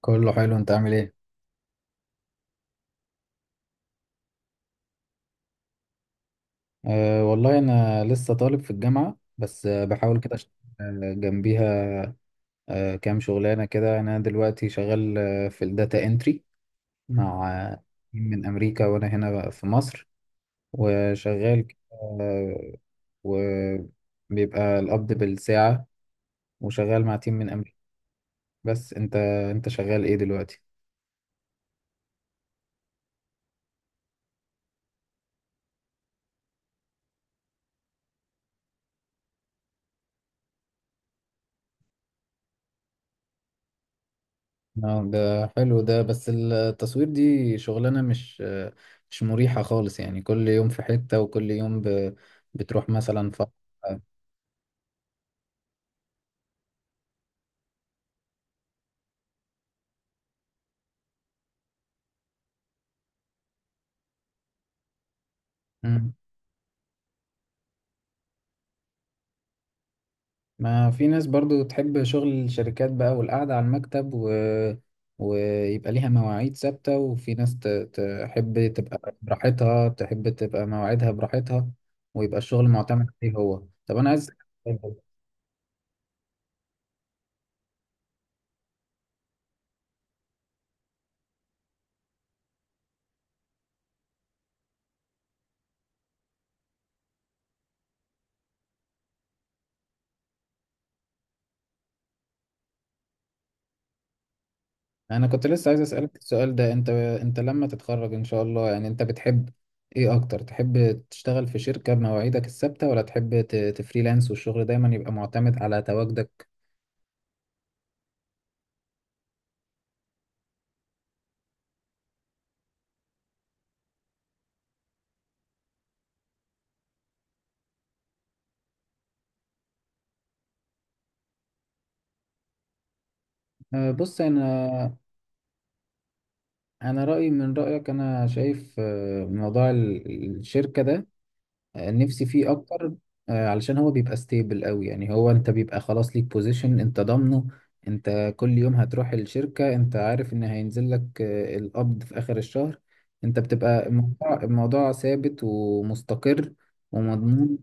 كله حلو، انت عامل ايه؟ أه والله انا لسه طالب في الجامعه، بس بحاول كده اشتغل جنبيها. أه كام شغلانه كده. انا دلوقتي شغال في الداتا انتري مع تيم من امريكا، وانا هنا بقى في مصر وشغال كده. آه، وبيبقى القبض بالساعه، وشغال مع تيم من امريكا. بس انت شغال ايه دلوقتي؟ اه ده حلو، ده بس التصوير دي شغلانة مش مريحة خالص، يعني كل يوم في حتة، وكل يوم بتروح مثلا مم. ما في ناس برضو تحب شغل الشركات بقى والقعدة على المكتب و ويبقى ليها مواعيد ثابتة، وفي ناس تحب تبقى براحتها، تحب تبقى مواعيدها براحتها ويبقى الشغل معتمد عليه هو. طب أنا عايز، انا كنت لسه عايز اسالك السؤال ده. انت لما تتخرج ان شاء الله، يعني انت بتحب ايه اكتر؟ تحب تشتغل في شركه بمواعيدك الثابته، ولا تحب تفريلانس والشغل دايما يبقى معتمد على تواجدك؟ بص انا، انا رايي من رايك. انا شايف موضوع الشركه ده نفسي فيه اكتر. علشان هو بيبقى ستيبل قوي، يعني هو انت بيبقى خلاص ليك بوزيشن انت ضامنه. انت كل يوم هتروح الشركة، انت عارف ان هينزل لك القبض في اخر الشهر. انت بتبقى الموضوع، الموضوع ثابت ومستقر ومضمون.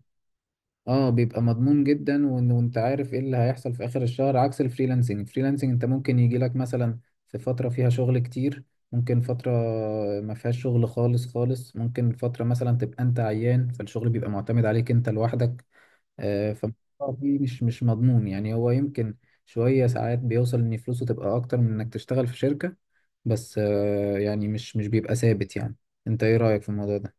اه بيبقى مضمون جدا، وانت عارف ايه اللي هيحصل في اخر الشهر. عكس الفريلانسنج، الفريلانسنج انت ممكن يجي لك مثلا في فترة فيها شغل كتير، ممكن فترة ما فيهاش شغل خالص خالص، ممكن فترة مثلا تبقى انت عيان، فالشغل بيبقى معتمد عليك انت لوحدك. آه فالموضوع فيه مش مضمون يعني. هو يمكن شوية ساعات بيوصل ان فلوسه تبقى اكتر من انك تشتغل في شركة، بس آه يعني مش بيبقى ثابت يعني. انت ايه رأيك في الموضوع ده؟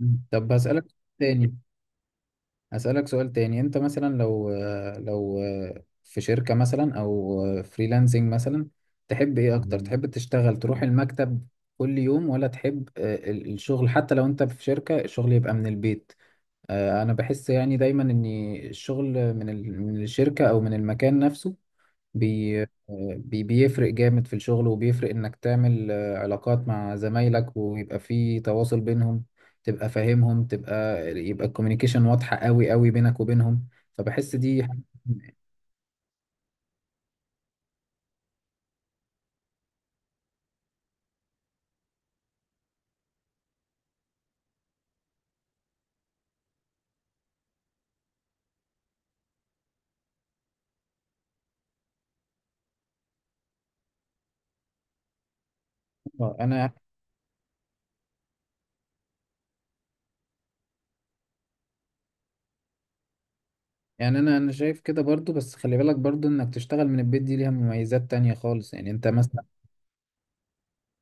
مم. طب هسألك تاني، أسألك سؤال تاني. أنت مثلا لو، لو في شركة مثلا أو فريلانسنج مثلا، تحب إيه أكتر؟ مم. تحب تشتغل تروح المكتب كل يوم، ولا تحب الشغل حتى لو أنت في شركة الشغل يبقى من البيت؟ أنا بحس يعني دايما إن الشغل من من الشركة أو من المكان نفسه بي بيفرق جامد في الشغل، وبيفرق انك تعمل علاقات مع زمايلك، ويبقى في تواصل بينهم. تبقى فاهمهم، تبقى يبقى الكوميونيكيشن واضحة قوي بينك وبينهم. فبحس دي انا يعني، انا شايف كده برضو، بس خلي بالك برضو انك تشتغل من البيت دي ليها مميزات تانية خالص. يعني انت مثلا،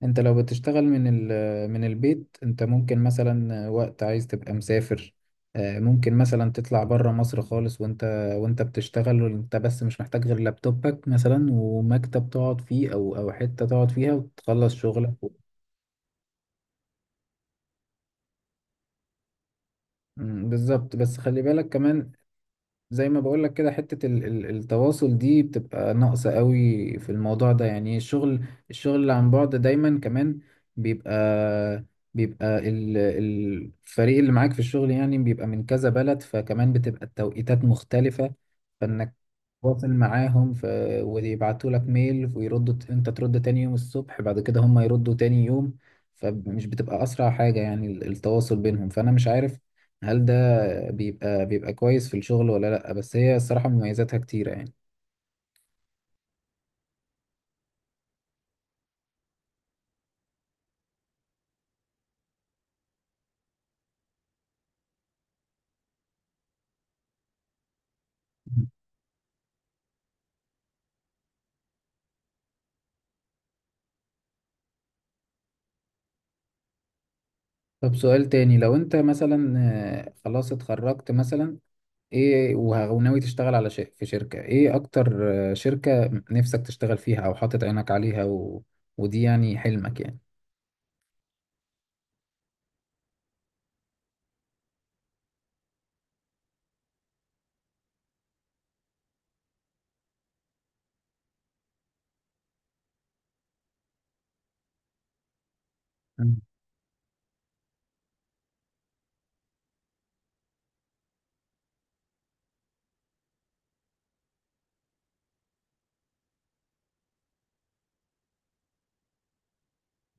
انت لو بتشتغل من ال من البيت، انت ممكن مثلا وقت عايز تبقى مسافر، ممكن مثلا تطلع بره مصر خالص وانت، وانت بتشتغل، وانت بس مش محتاج غير لابتوبك مثلا ومكتب تقعد فيه او او حتة تقعد فيها وتخلص شغلك. مم، بالظبط. بس خلي بالك كمان، زي ما بقول لك كده، حتة التواصل دي بتبقى ناقصة قوي في الموضوع ده. يعني الشغل، الشغل اللي عن بعد دايما كمان بيبقى بيبقى الفريق اللي معاك في الشغل يعني بيبقى من كذا بلد، فكمان بتبقى التوقيتات مختلفة. فانك تواصل معاهم ويبعتوا لك ميل ويردوا انت ترد تاني يوم الصبح، بعد كده هم يردوا تاني يوم. فمش بتبقى اسرع حاجة يعني التواصل بينهم. فانا مش عارف هل ده بيبقى كويس في الشغل ولا لأ، بس هي الصراحة مميزاتها كتيرة يعني. طب سؤال تاني، لو انت مثلا خلاص اتخرجت مثلا، ايه وناوي تشتغل على شيء في شركة ايه اكتر؟ شركة نفسك تشتغل فيها او حاطط عينك عليها ودي يعني حلمك يعني. مم.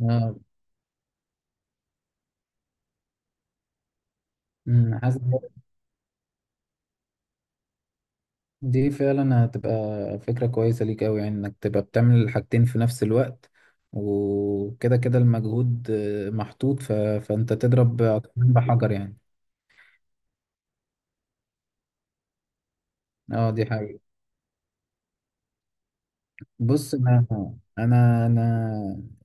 آه، أمم، حاسس دي فعلا هتبقى فكرة كويسة ليك أوي، يعني إنك تبقى بتعمل الحاجتين في نفس الوقت. وكده كده المجهود محطوط فأنت تضرب عصفورين بحجر يعني. اه دي حقيقة. بص انا، انا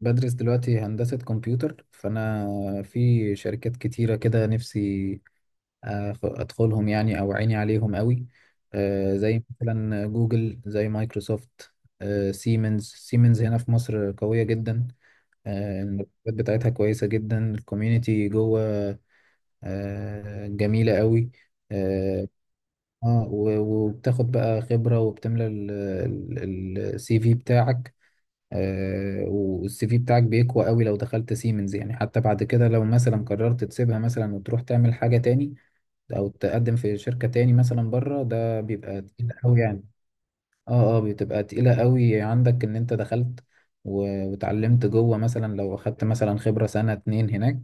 بدرس دلوقتي هندسة كمبيوتر، فانا في شركات كتيرة كده نفسي ادخلهم، يعني او عيني عليهم قوي. زي مثلا جوجل، زي مايكروسوفت، سيمنز. سيمنز هنا في مصر قوية جدا، المرتبات بتاعتها كويسة جدا، الكوميونتي جوه جميلة قوي. اه وبتاخد بقى خبرة، وبتملى السي في بتاعك. والسي في بتاعك بيقوى قوي لو دخلت سيمنز، يعني حتى بعد كده لو مثلا قررت تسيبها مثلا وتروح تعمل حاجة تاني، او تقدم في شركة تاني مثلا بره، ده بيبقى تقيل قوي يعني. اه اه، بتبقى تقيلة قوي عندك ان انت دخلت واتعلمت جوه، مثلا لو اخدت مثلا خبرة سنة اتنين هناك،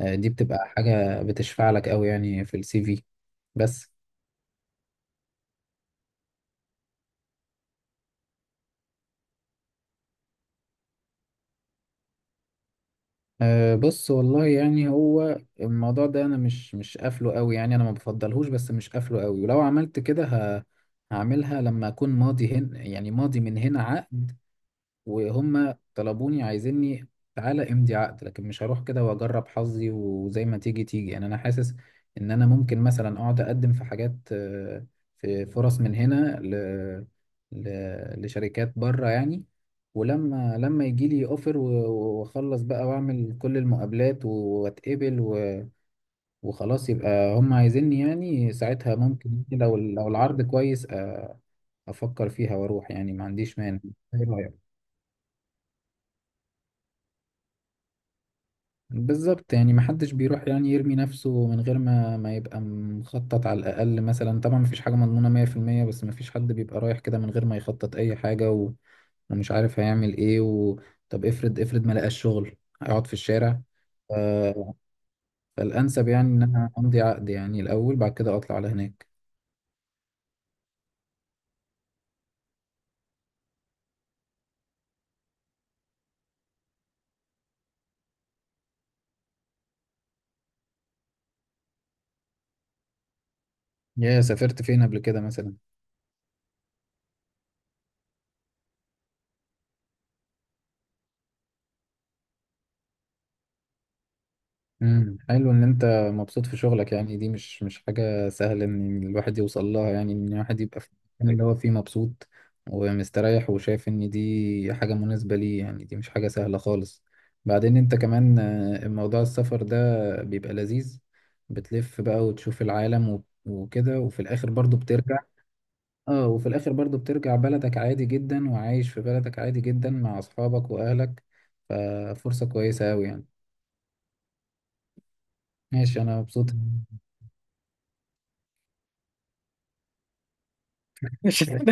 دي بتبقى حاجة بتشفع لك قوي يعني في السي في. بس أه بص، والله يعني هو الموضوع ده انا مش قافله قوي يعني، انا ما بفضلهوش بس مش قافله قوي. ولو عملت كده هعملها لما اكون ماضي هن، يعني ماضي من هنا عقد وهم طلبوني عايزيني، تعالى امضي عقد. لكن مش هروح كده واجرب حظي وزي ما تيجي تيجي. يعني انا حاسس ان انا ممكن مثلا اقعد اقدم في حاجات، في فرص من هنا ل... لشركات بره يعني. ولما يجي لي اوفر واخلص بقى واعمل كل المقابلات واتقبل وخلاص يبقى هم عايزيني، يعني ساعتها ممكن لو العرض كويس افكر فيها واروح يعني، ما عنديش مانع. إيه رأيك؟ بالظبط، يعني محدش بيروح يعني يرمي نفسه من غير ما يبقى مخطط على الأقل. مثلا طبعا مفيش حاجة مضمونة مية في المية، بس مفيش حد بيبقى رايح كده من غير ما يخطط أي حاجة ومش عارف هيعمل إيه طب افرض، افرض ما لقاش شغل، هيقعد في الشارع؟ ف... فالأنسب يعني إن أنا أمضي عقد يعني الأول، بعد كده أطلع على هناك. يا سافرت فين قبل كده مثلا؟ حلو ان انت مبسوط في شغلك، يعني دي مش حاجة سهلة ان الواحد يوصل لها. يعني ان الواحد يبقى في المكان اللي هو فيه مبسوط ومستريح، وشايف ان دي حاجة مناسبة ليه، يعني دي مش حاجة سهلة خالص. بعدين انت كمان موضوع السفر ده بيبقى لذيذ، بتلف بقى وتشوف العالم وكده، وفي الاخر برضو بترجع. اه وفي الاخر برضو بترجع بلدك عادي جدا، وعايش في بلدك عادي جدا مع اصحابك واهلك. ففرصة كويسة اوي يعني. ماشي، انا مبسوط. مش